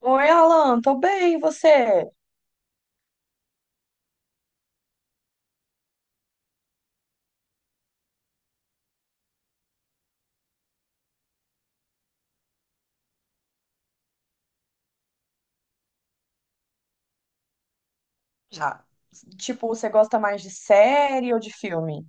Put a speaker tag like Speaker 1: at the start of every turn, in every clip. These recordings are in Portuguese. Speaker 1: Oi, Alan, tô bem, e você? Já. Tipo, você gosta mais de série ou de filme?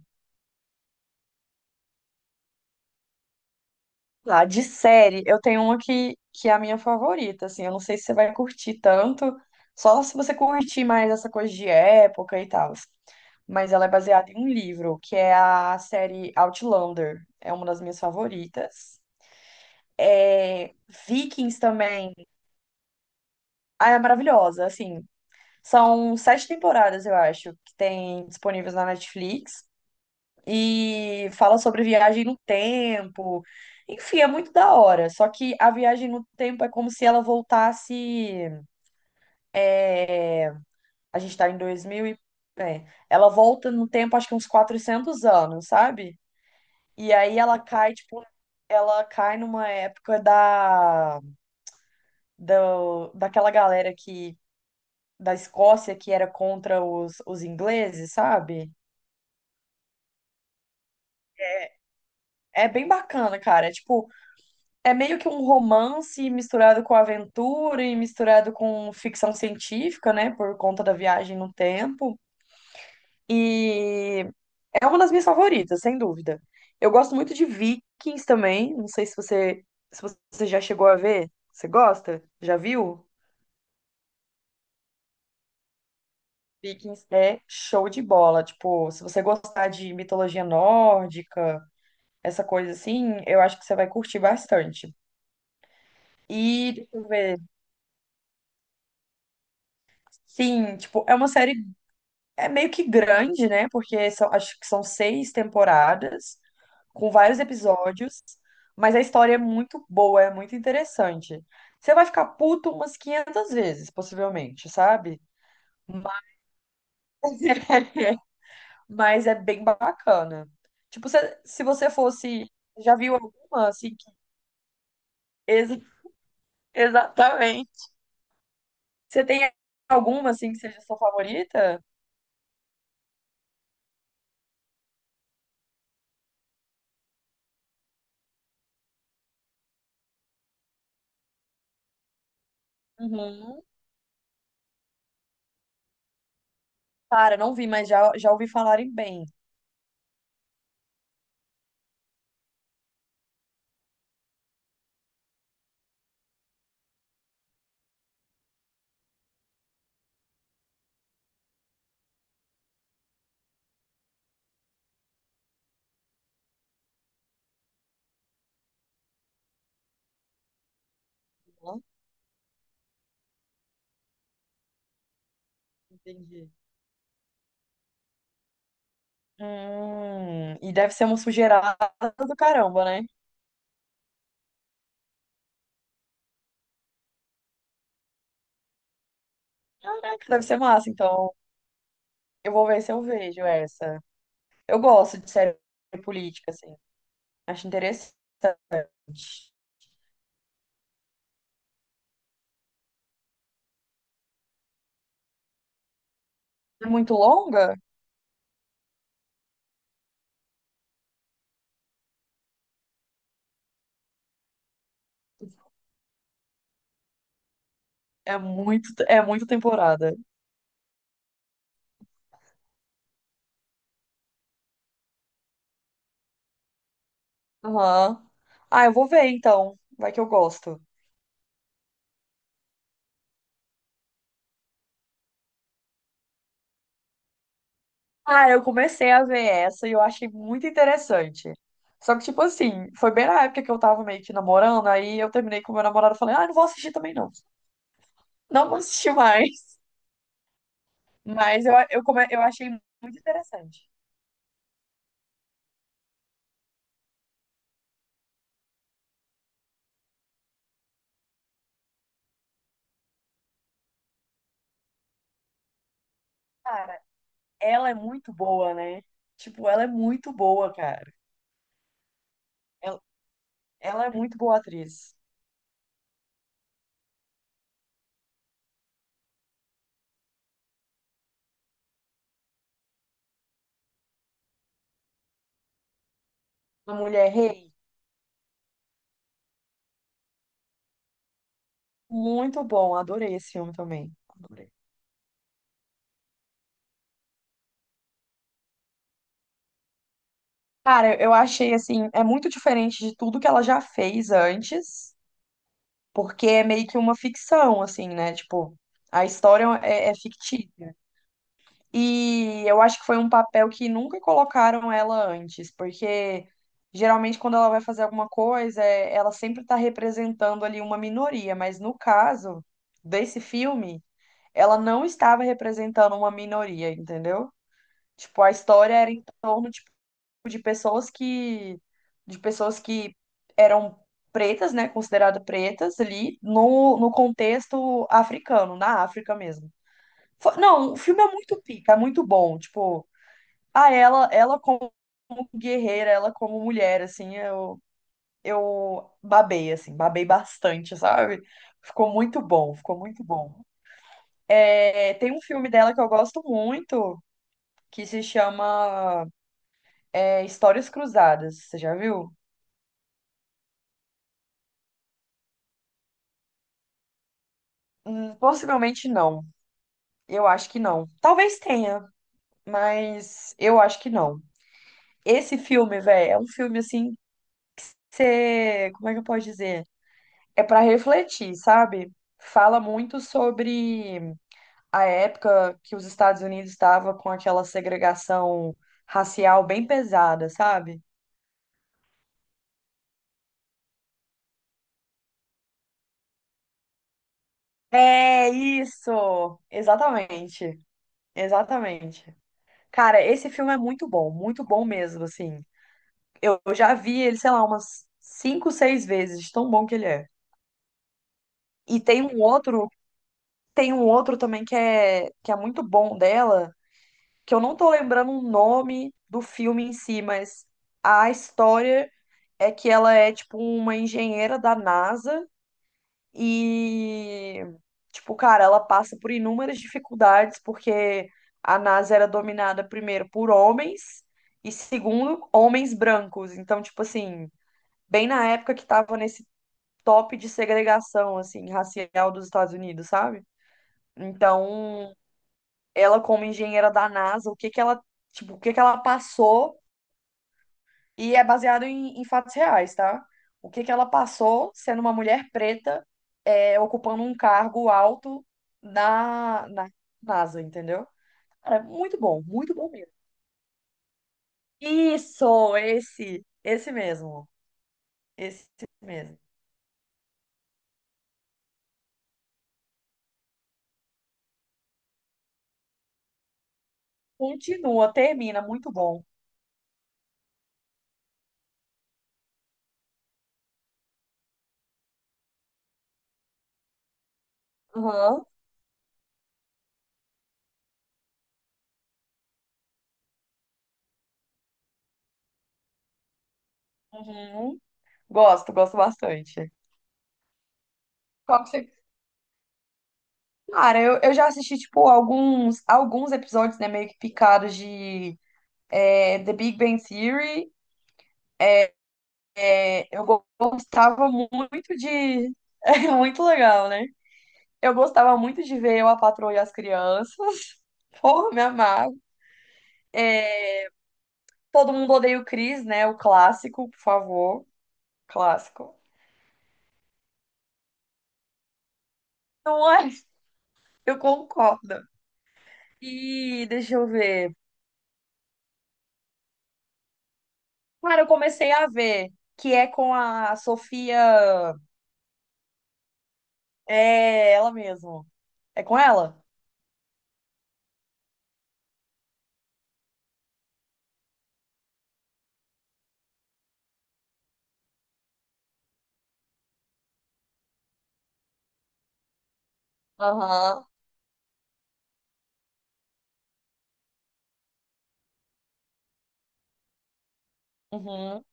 Speaker 1: Ah, de série, eu tenho uma que é a minha favorita, assim, eu não sei se você vai curtir tanto, só se você curtir mais essa coisa de época e tal. Mas ela é baseada em um livro, que é a série Outlander, é uma das minhas favoritas. É, Vikings também, ah, é maravilhosa, assim, são sete temporadas, eu acho, que tem disponíveis na Netflix. E fala sobre viagem no tempo. Enfim, é muito da hora. Só que a viagem no tempo é como se ela voltasse. é, A gente tá em 2000 e. Ela volta no tempo, acho que uns 400 anos, sabe? E aí ela cai, tipo, ela cai numa época da, da daquela galera que da Escócia que era contra os ingleses, sabe? É, é bem bacana, cara. É, tipo, é meio que um romance misturado com aventura e misturado com ficção científica, né? Por conta da viagem no tempo. E é uma das minhas favoritas, sem dúvida. Eu gosto muito de Vikings também. Não sei se você já chegou a ver. Você gosta? Já viu? Vikings é show de bola. Tipo, se você gostar de mitologia nórdica, essa coisa assim, eu acho que você vai curtir bastante. E, deixa eu ver. Sim, tipo, é uma série é meio que grande, né? Porque são, acho que são seis temporadas, com vários episódios, mas a história é muito boa, é muito interessante. Você vai ficar puto umas 500 vezes, possivelmente, sabe? Mas, mas é bem bacana. Tipo, se você fosse. Já viu alguma, assim, que. Ex- exatamente. Você tem alguma, assim, que seja sua favorita? Uhum. Para, não vi, mas já ouvi falarem bem. Uhum. Entendi. E deve ser uma sujeirada do caramba, né? Caraca, deve ser massa. Então, eu vou ver se eu vejo essa. Eu gosto de série política, assim. Acho interessante. É muito longa? É muito temporada. Aham. Ah, eu vou ver então. Vai que eu gosto. Ah, eu comecei a ver essa e eu achei muito interessante. Só que, tipo assim, foi bem na época que eu tava meio que namorando, aí eu terminei com meu namorado e falei, ah, não vou assistir também não. Não vou assistir mais. Mas eu achei muito interessante. Cara, ela é muito boa, né? Tipo, ela é muito boa, cara. Ela, ela é muito boa atriz. Uma mulher rei. Muito bom. Adorei esse filme também. Adorei. Cara, eu achei assim, é muito diferente de tudo que ela já fez antes, porque é meio que uma ficção, assim, né? Tipo, a história é fictícia. E eu acho que foi um papel que nunca colocaram ela antes, porque geralmente quando ela vai fazer alguma coisa, ela sempre está representando ali uma minoria, mas no caso desse filme, ela não estava representando uma minoria, entendeu? Tipo, a história era em torno tipo, de pessoas que de pessoas que eram pretas, né, consideradas pretas ali no contexto africano, na África mesmo. Não, o filme é muito pica, é muito bom. Tipo, ela como guerreira, ela como mulher, assim, eu babei, assim, babei bastante, sabe? Ficou muito bom, ficou muito bom. É, tem um filme dela que eu gosto muito, que se chama Histórias Cruzadas. Você já viu? Possivelmente não. Eu acho que não. Talvez tenha, mas eu acho que não. Esse filme, velho, é um filme assim. Você, como é que eu posso dizer? É para refletir, sabe? Fala muito sobre a época que os Estados Unidos estavam com aquela segregação racial bem pesada, sabe? É isso! Exatamente, exatamente. Cara, esse filme é muito bom mesmo, assim. Eu já vi ele, sei lá, umas cinco, seis vezes, de tão bom que ele é. E tem um outro também que é muito bom dela que eu não tô lembrando o nome do filme em si, mas a história é que ela é tipo uma engenheira da NASA e tipo, cara, ela passa por inúmeras dificuldades porque a NASA era dominada primeiro por homens e segundo, homens brancos. Então, tipo assim, bem na época que tava nesse top de segregação assim racial dos Estados Unidos, sabe? Então, ela como engenheira da NASA, o que que ela, tipo, o que que ela passou. E é baseado em fatos reais, tá? O que que ela passou sendo uma mulher preta, ocupando um cargo alto na NASA, entendeu? É muito bom mesmo. Isso, esse mesmo, esse mesmo. Continua, termina, muito bom. Uhum. Uhum. Gosto, gosto bastante. Qual que você... Cara, eu já assisti, tipo, alguns episódios, né, meio que picados de The Big Bang Theory. É, eu gostava muito de. É muito legal, né? Eu gostava muito de ver Eu, a Patroa e as Crianças. Porra, me amava. Todo mundo odeia o Chris, né? O clássico, por favor. Clássico. Não é? Eu concordo. E deixa eu ver. Cara, eu comecei a ver que é com a Sofia. É ela mesmo. É com ela? Aham. Uhum.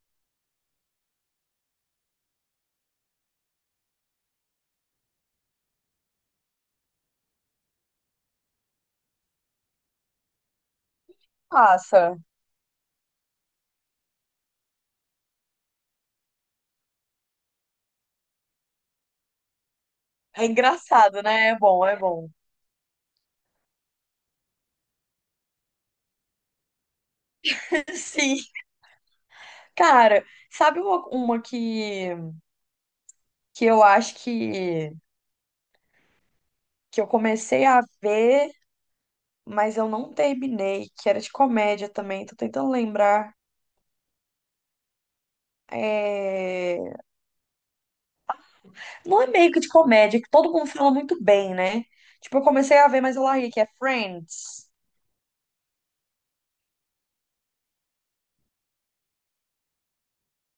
Speaker 1: Passa. É engraçado, né? É bom, é bom. Sim. Cara, sabe uma que eu acho que eu comecei a ver, mas eu não terminei, que era de comédia também, tô tentando lembrar. É... Não é meio que de comédia, que todo mundo fala muito bem, né? Tipo, eu comecei a ver, mas eu larguei, que é Friends.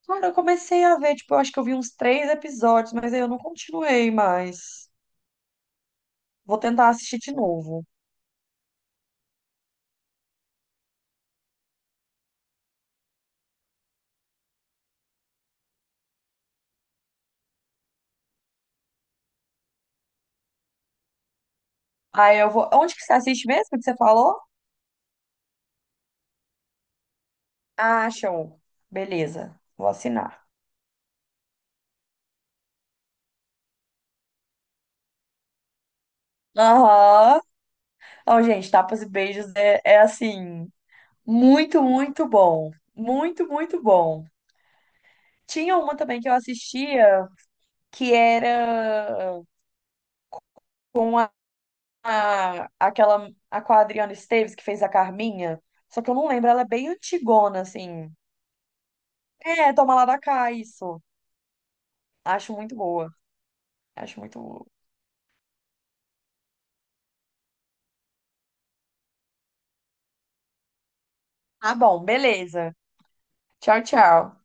Speaker 1: Cara, eu comecei a ver, tipo, eu acho que eu vi uns três episódios, mas aí eu não continuei mais. Vou tentar assistir de novo. Aí eu vou. Onde que você assiste mesmo que você falou? Ah, show. Beleza, vou assinar. Aham. Ó, gente, Tapas e Beijos é assim, muito, muito bom. Muito, muito bom. Tinha uma também que eu assistia que era com a, aquela a com a Adriana Esteves que fez a Carminha. Só que eu não lembro, ela é bem antigona, assim. É, Toma Lá da Cá, isso. Acho muito boa. Acho muito boa. Tá bom, beleza. Tchau, tchau.